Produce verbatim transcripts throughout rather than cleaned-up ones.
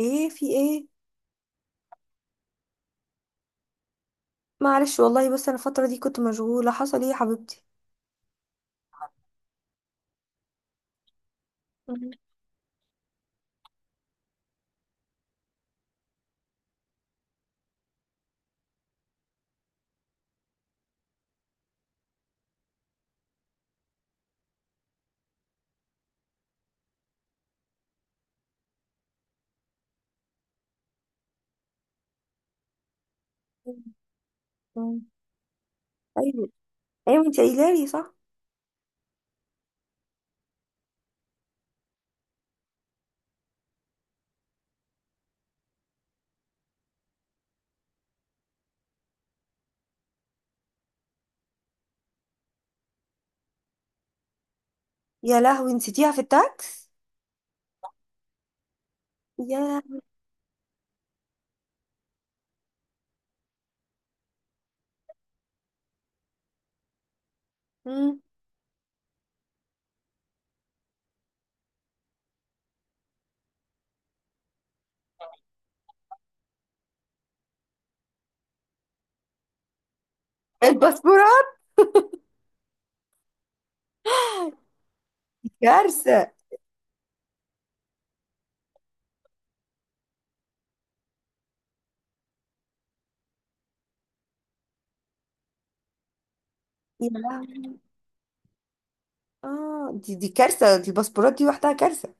ايه؟ في ايه؟ معلش والله، بس انا الفترة دي كنت مشغولة. حصل ايه يا حبيبتي؟ مم. ايوه. ايوه انت قايله لي، صح. يا لهوي، نسيتيها في التاكس. يا لهوي. مم. الباسبورات! دي كارثة. يا لهوي، اه، دي دي كارثة، دي الباسبورات دي وحدها كارثة.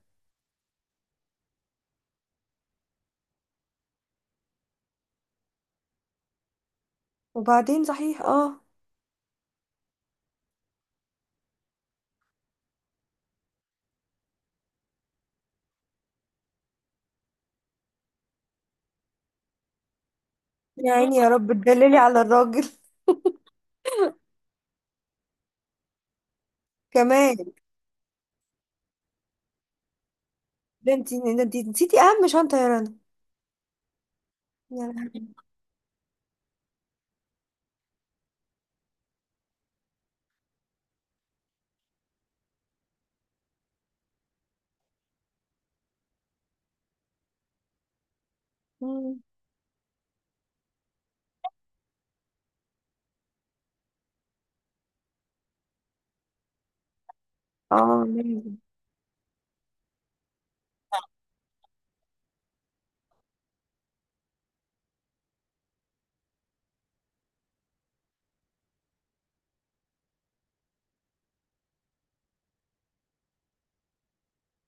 وبعدين صحيح، اه. يا عيني، يا رب تدللي على الراجل. كمان! ده انت ده انت نسيتي اهم شنطة يا رنا. يا لهوي. مم. اه،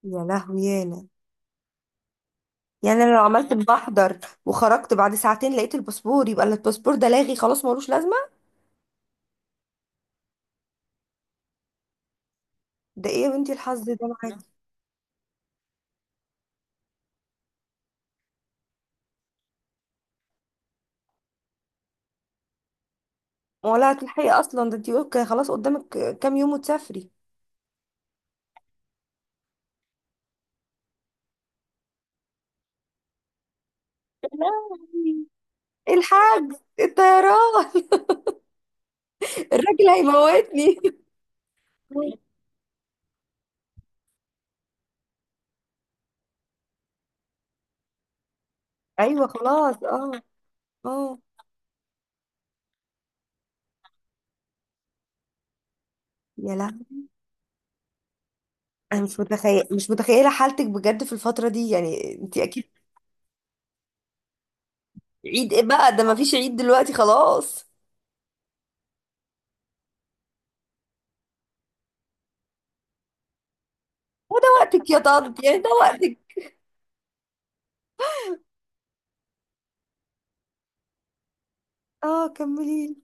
يا لهوي يانا. يعني انا لو عملت بحضر وخرجت بعد ساعتين لقيت الباسبور، يبقى الباسبور ده لاغي خلاص، ملوش لازمه. ده ايه يا بنتي الحظ ده معاكي؟ ولا هتلحقي اصلا، ده انتي يقولك خلاص قدامك كام يوم وتسافري. لا، الحاج، الطيران، الراجل هيموتني. ايوه، خلاص، اه. اه. يا لا. انا مش متخيل، مش متخيله حالتك بجد في الفتره دي، يعني انت اكيد. عيد ايه بقى ده؟ ما فيش عيد دلوقتي خلاص. وده وقتك يا طنط، يعني ده وقتك. اه، كملي.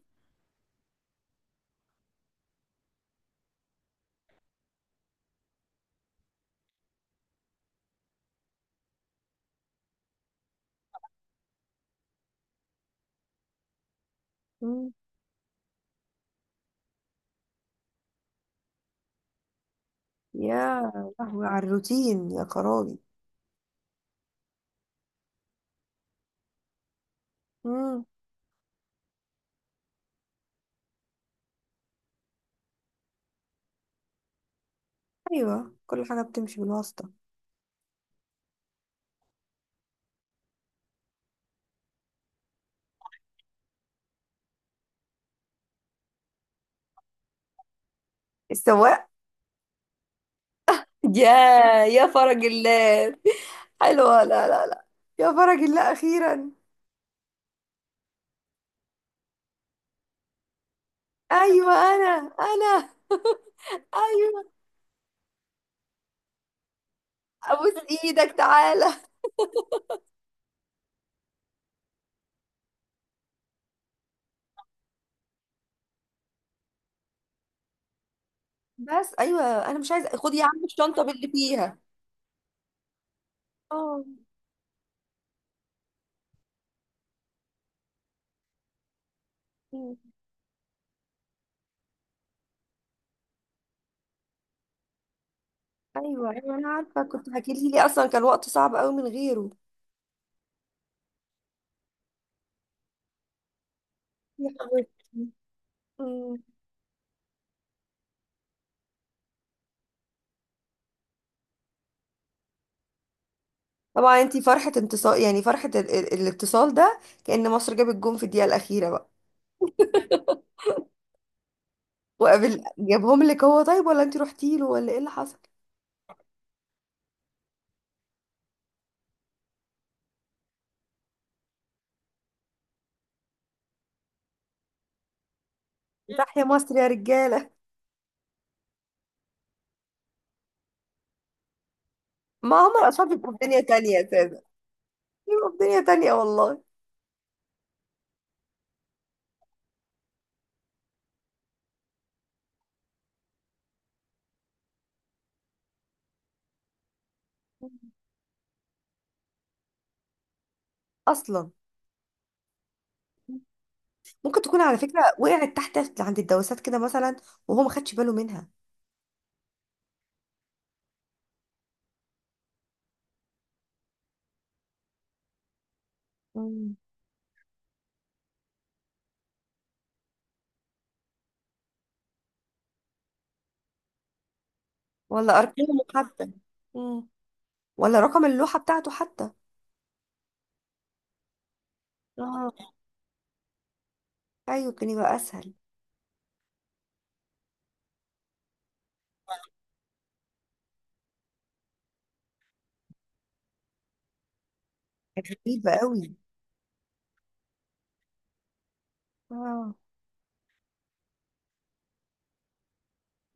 يا لهوي على الروتين، يا خرابي. امم. ايوه، كل حاجه بتمشي بالواسطه. السواق! يا، يا فرج الله. حلوه، لا لا لا، يا فرج الله اخيرا. ايوه انا. انا. ايوه. ابوس ايدك، تعالى. بس ايوه، انا مش عايزه، خد يا عم الشنطه باللي فيها. اه. أمم. ايوه ايوه انا عارفه، كنت حكيتي لي اصلا، كان وقت صعب قوي من غيره. يا حبيبتي. أمم. طبعا انتي فرحة انتصار، يعني فرحة ال- ال- الاتصال ده كأن مصر جابت جون في الدقيقة الأخيرة بقى. وقابل، جابهم لك هو؟ طيب ولا انتي رحتي له، ولا ايه اللي حصل؟ تحيا مصر يا رجالة. ما عمر أشرف يبقوا في دنيا تانية يا سادة، يبقوا في دنيا تانية والله. أصلا. ممكن تكون على فكرة وقعت تحت عند الدواسات كده مثلا، وهو ما خدش باله منها. مم. ولا أرقامه حتى. مم. ولا رقم اللوحة بتاعته حتى. اه، أيوة، كان يبقى أسهل. كان غريب قوي. اه.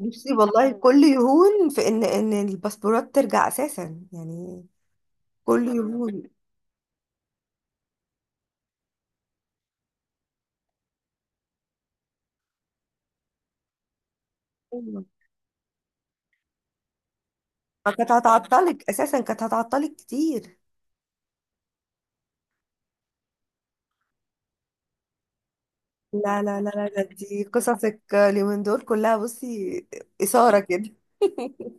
نفسي والله، كل يهون في ان ان الباسبورات ترجع اساسا يعني. كل يهون. أيوة. كانت هتعطلك اساسا، كانت هتعطلك كتير. لا لا لا لا، ده دي قصصك اليومين دول كلها، بصي، اثاره كده.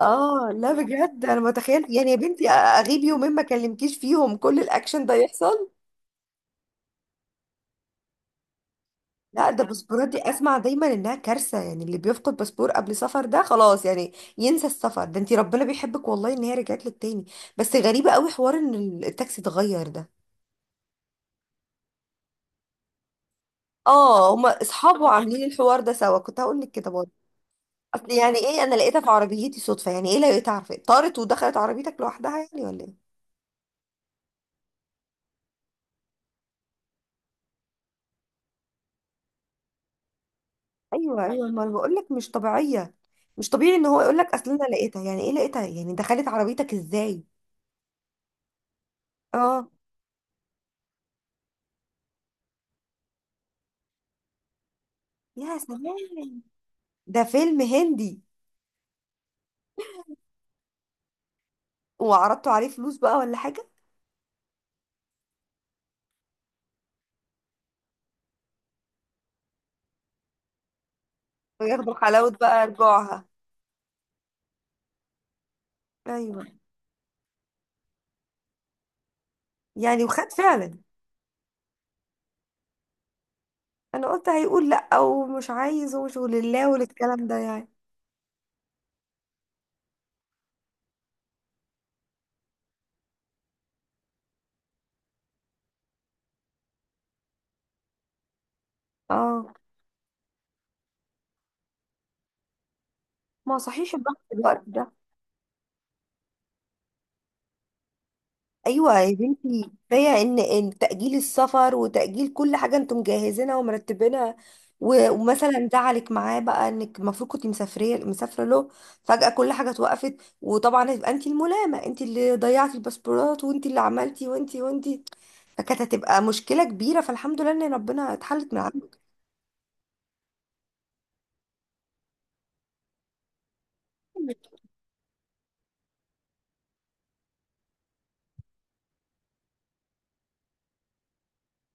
اه، لا بجد انا متخيل، يعني يا بنتي اغيب يومين ما اكلمكيش فيهم كل الاكشن ده يحصل. لا، ده الباسبورات دي اسمع دايما انها كارثه، يعني اللي بيفقد باسبور قبل سفر ده خلاص يعني ينسى السفر. ده انتي ربنا بيحبك والله ان هي رجعت لك تاني. بس غريبه قوي حوار ان التاكسي اتغير ده. اه، هما اصحابه عاملين الحوار ده سوا، كنت هقول لك كده برضه. اصل يعني ايه انا لقيتها في عربيتي صدفه؟ يعني ايه لقيتها؟ عارفه طارت ودخلت عربيتك لوحدها يعني ولا ايه؟ ايوه ايوه، ما انا بقول لك مش طبيعيه. مش طبيعي ان هو يقول لك اصل انا لقيتها. يعني ايه لقيتها؟ يعني دخلت عربيتك ازاي؟ اه، يا سلام. ده فيلم هندي. وعرضتوا عليه فلوس بقى ولا حاجة؟ وياخدوا حلاوة بقى رجوعها. ايوه، يعني وخد فعلا. انا قلت هيقول لا ومش عايز ومش ولله والكلام ده يعني. اه، ما صحيش الضغط في الوقت ده. ايوه يا بنتي، كفايه ان ان تاجيل السفر وتاجيل كل حاجه انتم مجهزينها ومرتبينها. و- ومثلا زعلك معاه بقى، انك المفروض كنت مسافريه، مسافره له. فجاه كل حاجه اتوقفت. وطبعا هتبقى انت الملامه، انت اللي ضيعتي الباسبورات، وانت اللي عملتي، وانت وانت. فكانت هتبقى مشكله كبيره، فالحمد لله ان ربنا اتحلت من عنده.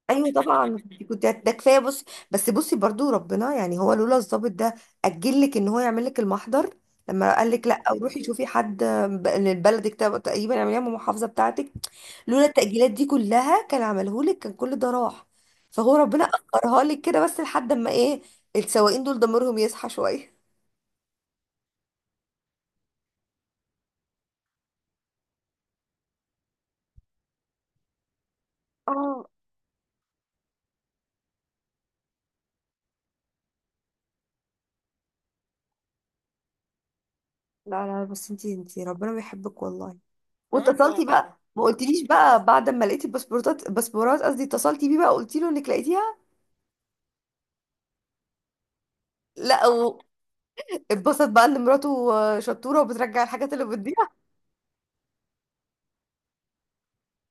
ايوه طبعا، دي كنت هت- ده كفايه، بص. بس بصي برضو ربنا يعني، هو لولا الضابط ده اجل لك ان هو يعمل لك المحضر، لما قال لك لا روحي شوفي حد ب- لبلدك، تق- تقريبا اعمليها من المحافظه بتاعتك، لولا التاجيلات دي كلها كان عمله لك، كان كل ده راح. فهو ربنا اخرها لك كده، بس لحد اما ايه، السواقين دول ضميرهم يصحى شويه. اه. لا لا، بس انتي انتي ربنا بيحبك والله، اه. واتصلتي طبعا بقى، ما قلتليش بقى بعد ما لقيتي الباسبورتات، الباسبورات قصدي، اتصلتي بيه بقى قلتي له انك لقيتيها؟ لا. واتبسط بقى ان مراته شطوره وبترجع الحاجات اللي بتضيع.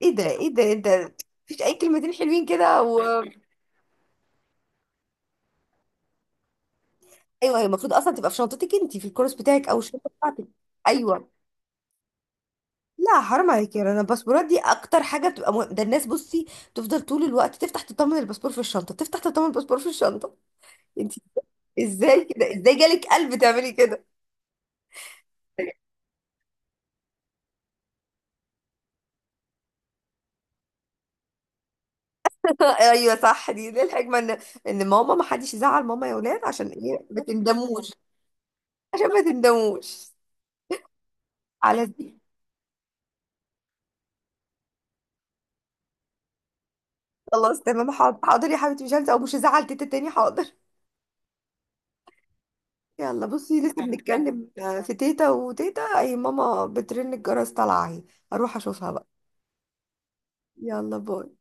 ايه ده، ايه ده؟ انت مفيش اي كلمتين حلوين كده و… ايوه، هي المفروض اصلا تبقى في شنطتك انت، في الكورس بتاعك او الشنطه بتاعتك. ايوه. لا حرام عليك يا رنا، الباسبورات دي اكتر حاجه بتبقى مهم. ده الناس بصي تفضل طول الوقت تفتح تطمن الباسبور في الشنطه، تفتح تطمن الباسبور في الشنطه. انت ازاي كده، ازاي جالك قلب تعملي كده؟ ايوه صح، دي دي الحكمه، ان ان ماما ما حدش يزعل ماما يا ولاد، عشان ايه؟ ما تندموش. عشان ما تندموش. على الدين. خلاص، تمام، حاضر، حاضر يا حبيبتي، مش هنسى او مش هزعل تيتا تاني، حاضر. يلا بصي، لسه بنتكلم، آه، في تيتا وتيتا اي، ماما بترن الجرس، طالعه اهي. اروح اشوفها بقى. يلا باي.